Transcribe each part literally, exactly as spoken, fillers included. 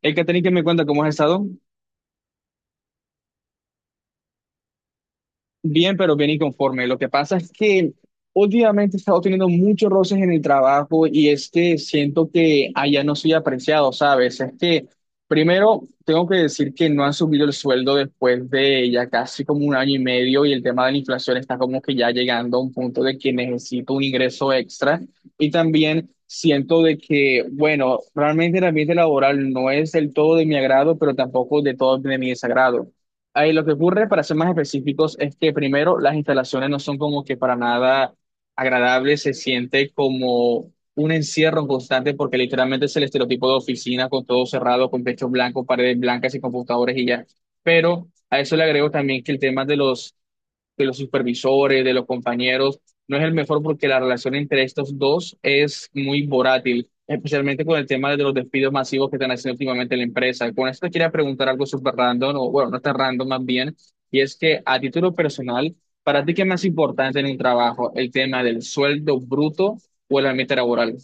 El Catherine que me cuenta cómo has estado, bien, pero bien inconforme. Lo que pasa es que últimamente he estado teniendo muchos roces en el trabajo y es que siento que allá no soy apreciado, ¿sabes? Es que primero tengo que decir que no han subido el sueldo después de ya casi como un año y medio y el tema de la inflación está como que ya llegando a un punto de que necesito un ingreso extra y también... Siento de que, bueno, realmente el ambiente laboral no es del todo de mi agrado, pero tampoco de todo de mi desagrado. Ahí lo que ocurre, para ser más específicos, es que primero las instalaciones no son como que para nada agradables, se siente como un encierro constante porque literalmente es el estereotipo de oficina con todo cerrado, con techos blancos, paredes blancas y computadores y ya. Pero a eso le agrego también que el tema de los de los supervisores, de los compañeros, no es el mejor porque la relación entre estos dos es muy volátil, especialmente con el tema de los despidos masivos que están haciendo últimamente la empresa. Con esto te quería preguntar algo súper random, o bueno, no está random más bien, y es que a título personal, ¿para ti qué es más importante en un trabajo? ¿El tema del sueldo bruto o el ambiente laboral?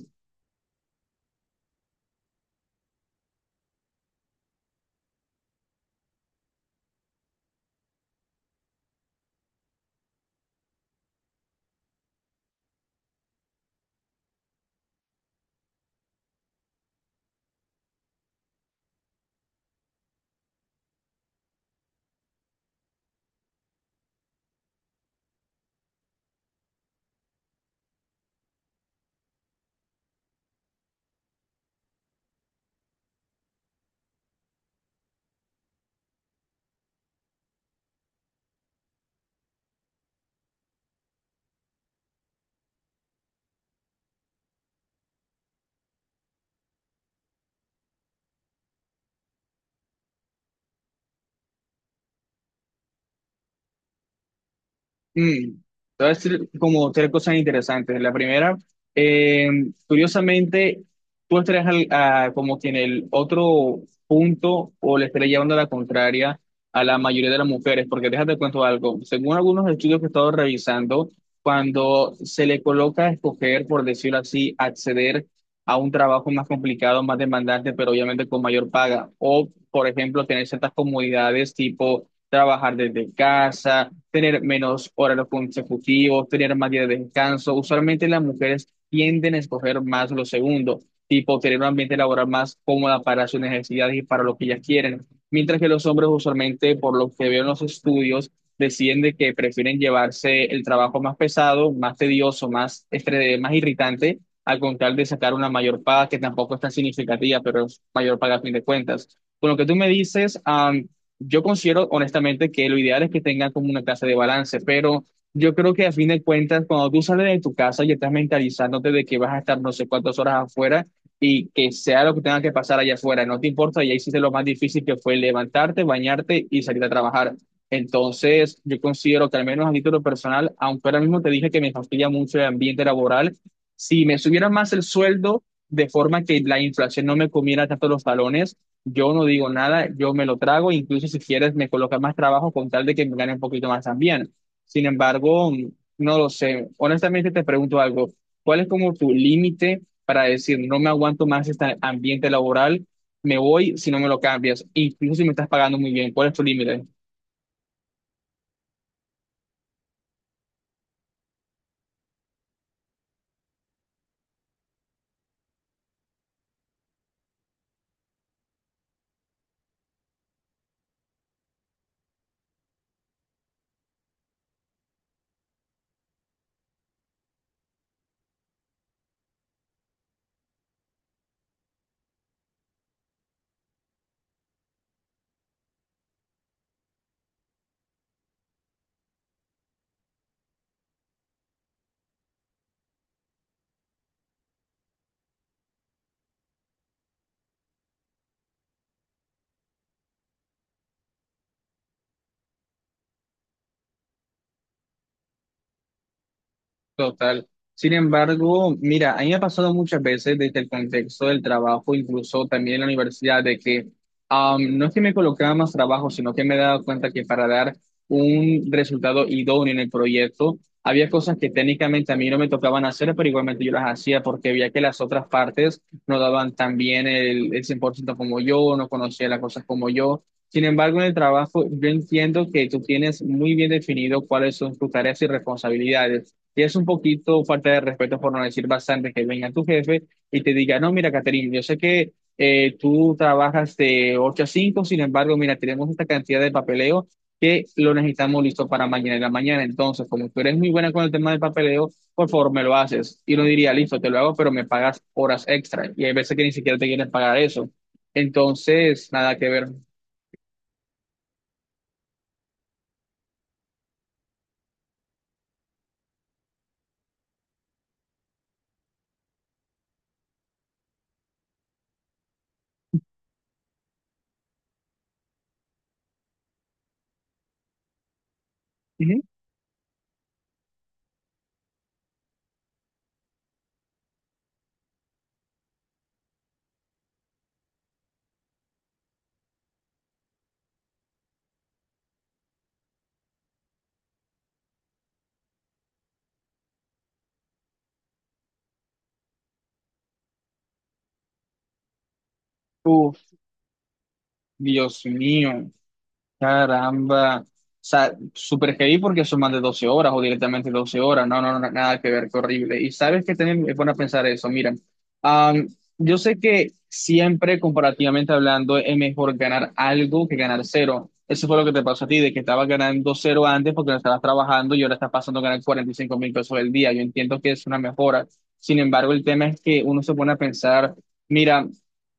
Mm, te voy a decir como tres cosas interesantes. La primera, eh, curiosamente, tú estarías al- a- como que en el otro punto o le estarías llevando la contraria a la mayoría de las mujeres, porque déjate cuento algo. Según algunos estudios que he estado revisando, cuando se le coloca a escoger, por decirlo así, acceder a un trabajo más complicado, más demandante, pero obviamente con mayor paga, o por ejemplo, tener ciertas comodidades tipo trabajar desde casa, tener menos horarios consecutivos, tener más días de descanso. Usualmente las mujeres tienden a escoger más lo segundo, tipo tener un ambiente laboral más cómodo para sus necesidades y para lo que ellas quieren. Mientras que los hombres usualmente, por lo que veo en los estudios, deciden de que prefieren llevarse el trabajo más pesado, más tedioso, más estrés, más irritante, al contar de sacar una mayor paga que tampoco es tan significativa, pero es mayor paga a fin de cuentas. Con lo que tú me dices, ah, yo considero honestamente que lo ideal es que tengan como una clase de balance, pero yo creo que a fin de cuentas, cuando tú sales de tu casa y estás mentalizándote de que vas a estar no sé cuántas horas afuera y que sea lo que tenga que pasar allá afuera, no te importa, ya hiciste lo más difícil que fue levantarte, bañarte y salir a trabajar. Entonces, yo considero que al menos a título personal, aunque ahora mismo te dije que me fastidia mucho el ambiente laboral, si me subiera más el sueldo de forma que la inflación no me comiera tanto los talones, yo no digo nada, yo me lo trago, incluso si quieres me colocas más trabajo con tal de que me gane un poquito más también. Sin embargo, no lo sé. Honestamente te pregunto algo, ¿cuál es como tu límite para decir no me aguanto más este ambiente laboral, me voy si no me lo cambias, incluso si me estás pagando muy bien? ¿Cuál es tu límite? Total. Sin embargo, mira, a mí me ha pasado muchas veces desde el contexto del trabajo, incluso también en la universidad, de que am, no es que me colocaba más trabajo, sino que me he dado cuenta que para dar un resultado idóneo en el proyecto, había cosas que técnicamente a mí no me tocaban hacer, pero igualmente yo las hacía porque veía que las otras partes no daban tan bien el, el cien por ciento como yo, no conocía las cosas como yo. Sin embargo, en el trabajo, yo entiendo que tú tienes muy bien definido cuáles son tus tareas y responsabilidades. Y es un poquito falta de respeto, por no decir bastante, que venga tu jefe y te diga, no, mira, Caterine, yo sé que eh, tú trabajas de ocho a cinco, sin embargo, mira, tenemos esta cantidad de papeleo que lo necesitamos listo para mañana en la mañana. Entonces, como tú eres muy buena con el tema del papeleo, por favor, me lo haces. Y no diría, listo, te lo hago, pero me pagas horas extra. Y hay veces que ni siquiera te quieren pagar eso. Entonces, nada que ver. Ujú. Uf, Dios mío. Caramba. O sea, súper heavy porque son más de doce horas o directamente doce horas. No, no, no, nada que ver, qué horrible. Y sabes que también es bueno pensar eso. Mira, am, yo sé que siempre, comparativamente hablando, es mejor ganar algo que ganar cero. Eso fue lo que te pasó a ti, de que estabas ganando cero antes porque no estabas trabajando y ahora estás pasando a ganar cuarenta y cinco mil pesos al día. Yo entiendo que es una mejora. Sin embargo, el tema es que uno se pone a pensar. Mira,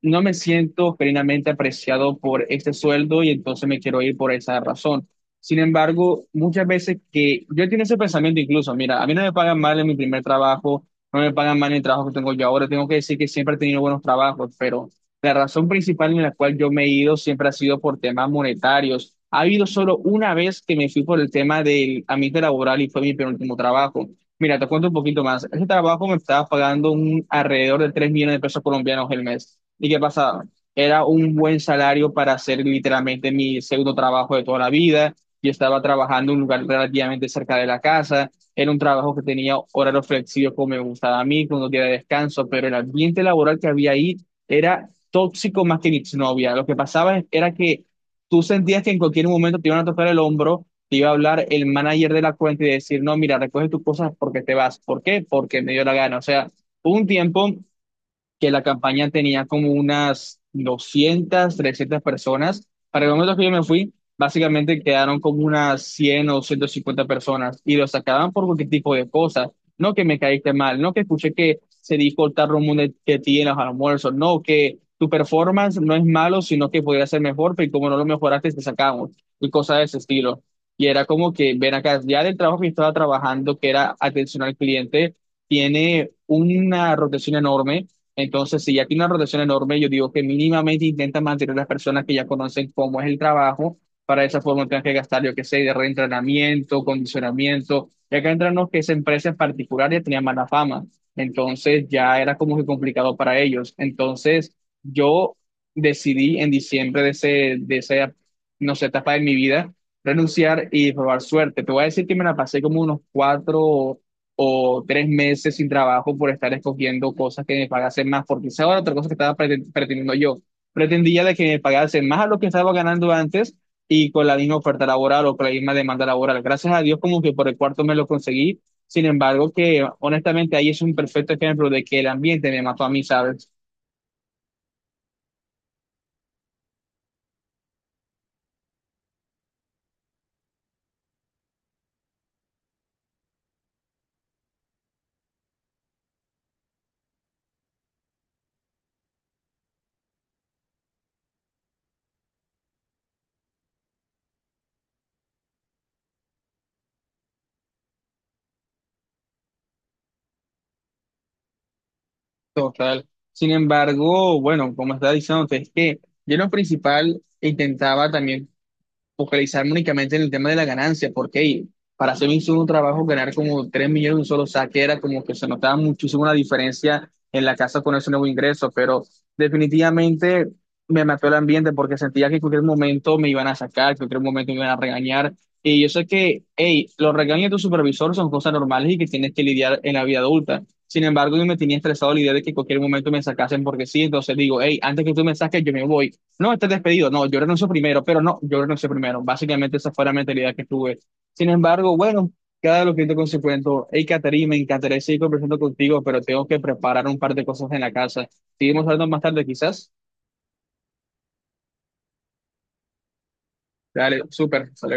no me siento plenamente apreciado por este sueldo y entonces me quiero ir por esa razón. Sin embargo, muchas veces que yo tengo ese pensamiento incluso, mira, a mí no me pagan mal en mi primer trabajo, no me pagan mal en el trabajo que tengo yo ahora, tengo que decir que siempre he tenido buenos trabajos, pero la razón principal en la cual yo me he ido siempre ha sido por temas monetarios. Ha habido solo una vez que me fui por el tema del ambiente laboral y fue mi penúltimo trabajo. Mira, te cuento un poquito más. Ese trabajo me estaba pagando un alrededor de tres millones de pesos colombianos el mes. ¿Y qué pasaba? Era un buen salario para hacer literalmente mi segundo trabajo de toda la vida. Yo estaba trabajando en un lugar relativamente cerca de la casa. Era un trabajo que tenía horarios flexibles como me gustaba a mí, con un día de descanso, pero el ambiente laboral que había ahí era tóxico más que mi novia. Lo que pasaba era que tú sentías que en cualquier momento te iban a tocar el hombro, te iba a hablar el manager de la cuenta y decir, no, mira, recoge tus cosas porque te vas. ¿Por qué? Porque me dio la gana. O sea, hubo un tiempo que la campaña tenía como unas doscientas, trescientas personas. Para el momento que yo me fui, básicamente quedaron como unas cien o ciento cincuenta personas y los sacaban por cualquier tipo de cosas. No que me caíste mal, no que escuché que se dijo el tarro mundo que tienes al almuerzo, no que tu performance no es malo, sino que podría ser mejor, pero como no lo mejoraste, te sacamos y cosas de ese estilo. Y era como que, ven acá, ya del trabajo que estaba trabajando, que era atención al cliente, tiene una rotación enorme, entonces, si ya tiene una rotación enorme, yo digo que mínimamente intenta mantener a las personas que ya conocen cómo es el trabajo, para de esa forma tengan que gastar, yo qué sé, de reentrenamiento, condicionamiento. Ya que entramos que esa empresa en particular ya tenía mala fama, entonces ya era como que complicado para ellos. Entonces, yo decidí en diciembre de, ese, de esa, no sé, etapa de mi vida, renunciar y probar suerte. Te voy a decir que me la pasé como unos cuatro o tres meses sin trabajo por estar escogiendo cosas que me pagasen más, porque esa era otra cosa que estaba preten- pretendiendo yo. Pretendía de que me pagasen más a lo que estaba ganando antes y con la misma oferta laboral o con la misma demanda laboral. Gracias a Dios como que por el cuarto me lo conseguí. Sin embargo, que honestamente ahí es un perfecto ejemplo de que el ambiente me mató a mí, ¿sabes? Total. Sin embargo, bueno, como estaba diciendo, es que yo en lo principal intentaba también focalizarme únicamente en el tema de la ganancia, porque hey, para hacer un solo trabajo, ganar como tres millones en un solo saque era como que se notaba muchísimo la diferencia en la casa con ese nuevo ingreso, pero definitivamente me mató el ambiente porque sentía que en cualquier momento me iban a sacar, que en cualquier momento me iban a regañar. Y yo sé que, hey, los regaños de tu supervisor son cosas normales y que tienes que lidiar en la vida adulta. Sin embargo, yo me tenía estresado la idea de que en cualquier momento me sacasen porque sí, entonces digo, hey, antes que tú me saques, yo me voy. No, estás despedido. No, yo renuncio primero, pero no, yo renuncio primero. Básicamente esa fue la mentalidad que tuve. Sin embargo, bueno, cada lo que te consecuento, hey, Caterina, me encantaría seguir conversando contigo, pero tengo que preparar un par de cosas en la casa. Seguimos hablando más tarde, quizás. Dale, súper.